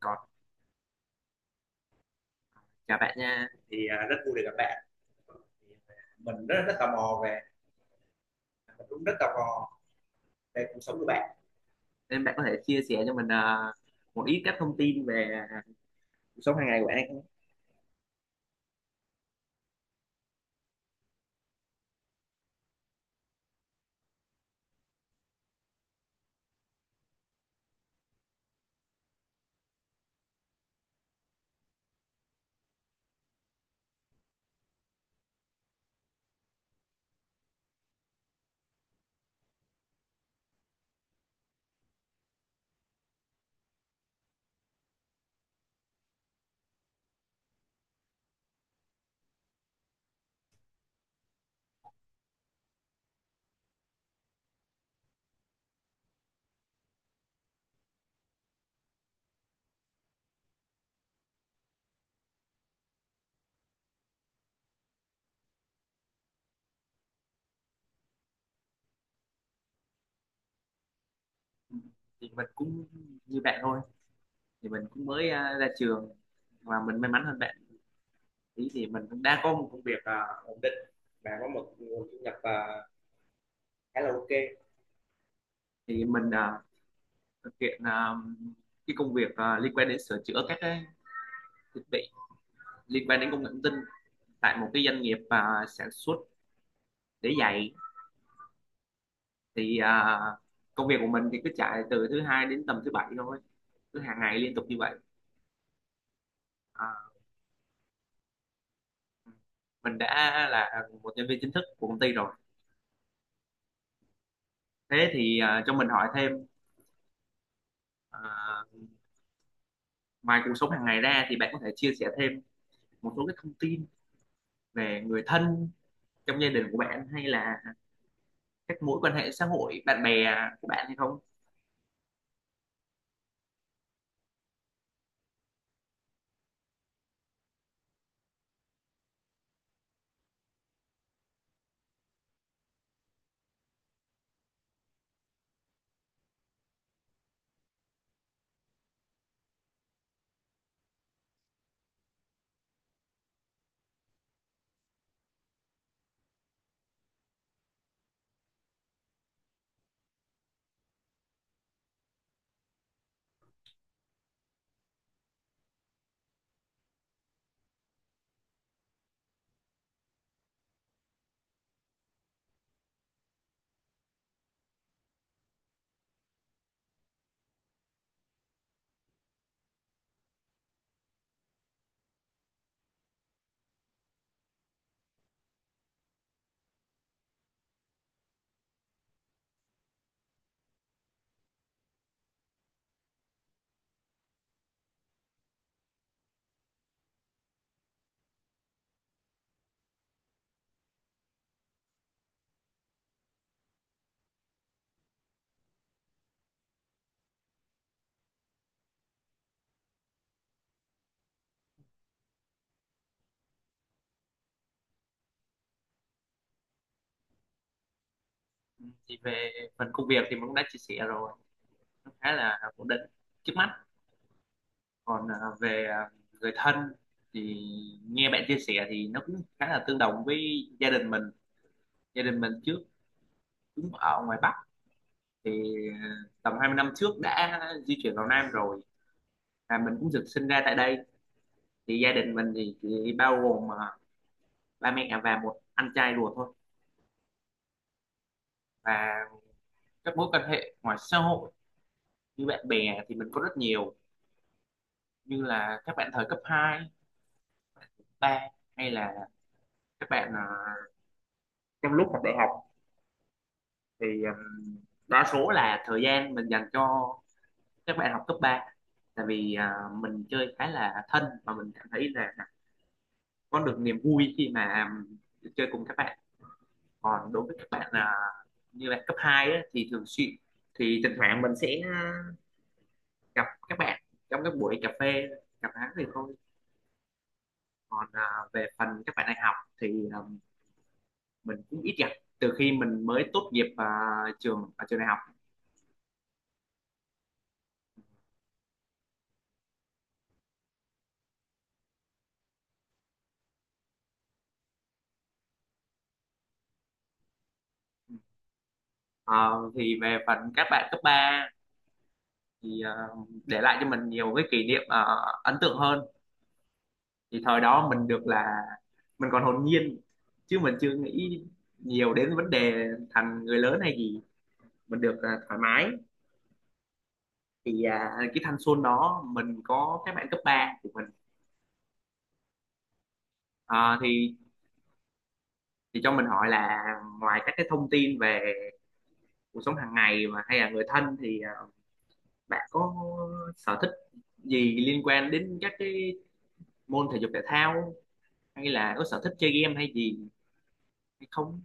Còn chào bạn nha. Rất vui được gặp bạn. mình rất rất tò mò về mình cũng rất tò mò về cuộc sống của bạn. Nên bạn có thể chia sẻ cho mình một ít các thông tin về cuộc sống hàng ngày của bạn hay không? Ừ, thì mình cũng như bạn thôi. Thì mình cũng mới ra trường và mình may mắn hơn bạn. Ý thì mình cũng đang có một công việc ổn định và có một nguồn thu nhập khá là ok. Thì mình thực hiện cái công việc liên quan đến sửa chữa các cái thiết bị liên quan đến công nghệ thông tin tại một cái doanh nghiệp sản xuất để dạy. thì à, Công việc của mình thì cứ chạy từ thứ hai đến tầm thứ bảy thôi, cứ hàng ngày liên tục như vậy. à, mình đã là một nhân viên chính thức của công ty rồi. Cho mình hỏi thêm, à, ngoài cuộc sống hàng ngày ra thì bạn có thể chia sẻ thêm một số cái thông tin về người thân trong gia đình của bạn hay là các mối quan hệ xã hội bạn bè của bạn hay không? Ừ, thì về phần công việc thì mình cũng đã chia sẻ rồi, nó khá là ổn định trước mắt. Còn về người thân thì nghe bạn chia sẻ thì nó cũng khá là tương đồng với gia đình mình. Gia đình mình trước cũng ở ngoài Bắc, thì à, tầm 20 năm trước đã di chuyển vào Nam rồi, và mình cũng được sinh ra tại đây. Thì gia đình mình thì chỉ bao gồm ba mẹ và một anh trai ruột thôi. Và các mối quan hệ ngoài xã hội như bạn bè thì mình có rất nhiều, như là các bạn thời cấp hai, ba, hay là các bạn trong lúc học đại học. Thì Đa số là thời gian mình dành cho các bạn học cấp 3, tại vì mình chơi khá là thân và mình cảm thấy là có được niềm vui khi mà chơi cùng các bạn. Còn đối với các bạn như là cấp 2 á, thì thường xuyên, thì thỉnh thoảng mình sẽ gặp các bạn trong các buổi cà phê, gặp hắn thì thôi. Còn về phần các bạn đại học thì à, mình cũng ít gặp từ khi mình mới tốt nghiệp ở trường đại học. Ờ, thì về phần các bạn cấp 3 thì để lại cho mình nhiều cái kỷ niệm ấn tượng hơn. Thì thời đó mình được là mình còn hồn nhiên, chứ mình chưa nghĩ nhiều đến vấn đề thành người lớn hay gì, mình được thoải mái. Cái thanh xuân đó mình có các bạn cấp 3 của mình. Ờ, thì thì cho mình hỏi là, ngoài các cái thông tin về cuộc sống hàng ngày mà hay là người thân thì bạn có sở thích gì liên quan đến các cái môn thể dục thể thao hay là có sở thích chơi game hay gì hay không?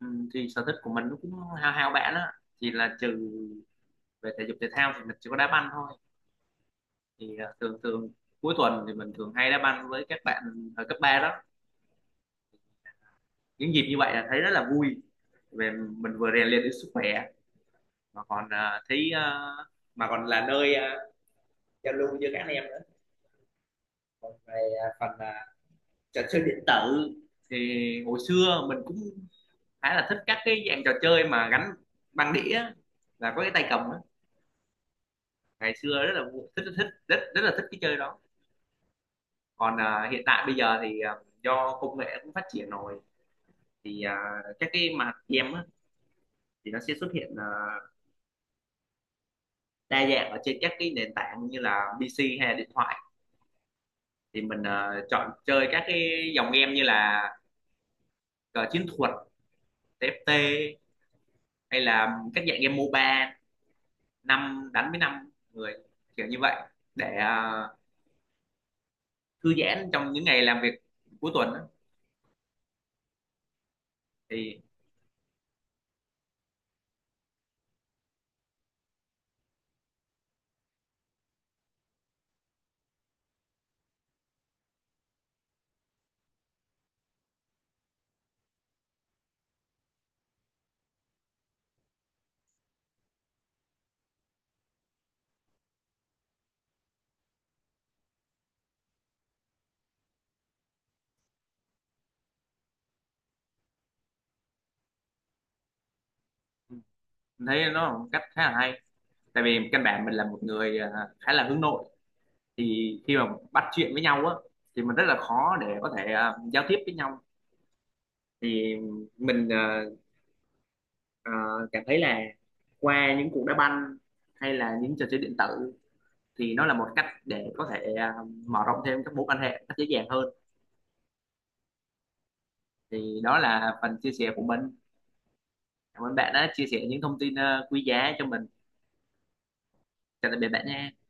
Ừ, thì sở thích của mình nó cũng hao hao bạn á, thì là trừ về thể dục thể thao thì mình chỉ có đá banh thôi. Thường thường cuối tuần thì mình thường hay đá banh với các bạn ở cấp 3 đó, những dịp như vậy là thấy rất là vui. Về mình vừa rèn luyện được sức khỏe mà còn à, thấy à, mà còn là nơi giao lưu với các anh em nữa. Còn về phần trò chơi điện tử thì hồi xưa mình cũng khá là thích các cái dạng trò chơi mà gắn băng đĩa và có cái tay cầm á. Ngày xưa rất là vui- thích thích rất rất là thích cái chơi đó. Còn hiện tại bây giờ do công nghệ cũng phát triển rồi, thì à, các cái mặt game á, thì nó sẽ xuất hiện đa dạng ở trên các cái nền tảng như là PC hay là điện thoại. Thì mình chọn chơi các cái dòng game như là cờ chiến thuật TFT hay là các dạng game MOBA 5 đánh với 5 người, kiểu như vậy, để thư giãn trong những ngày làm việc cuối tuần á. thì ừ, mình thấy nó là một cách khá là hay, tại vì căn bản mình là một người khá là hướng nội. Thì khi mà bắt chuyện với nhau á thì mình rất là khó để có thể giao tiếp với nhau. Thì mình à, cảm thấy là qua những cuộc đá banh hay là những trò chơi điện tử thì nó là một cách để có thể mở rộng thêm các mối quan hệ một cách dễ dàng hơn. Thì đó là phần chia sẻ của mình. Cảm ơn bạn đã chia sẻ những thông tin quý giá cho mình. Chào tạm biệt bạn nha.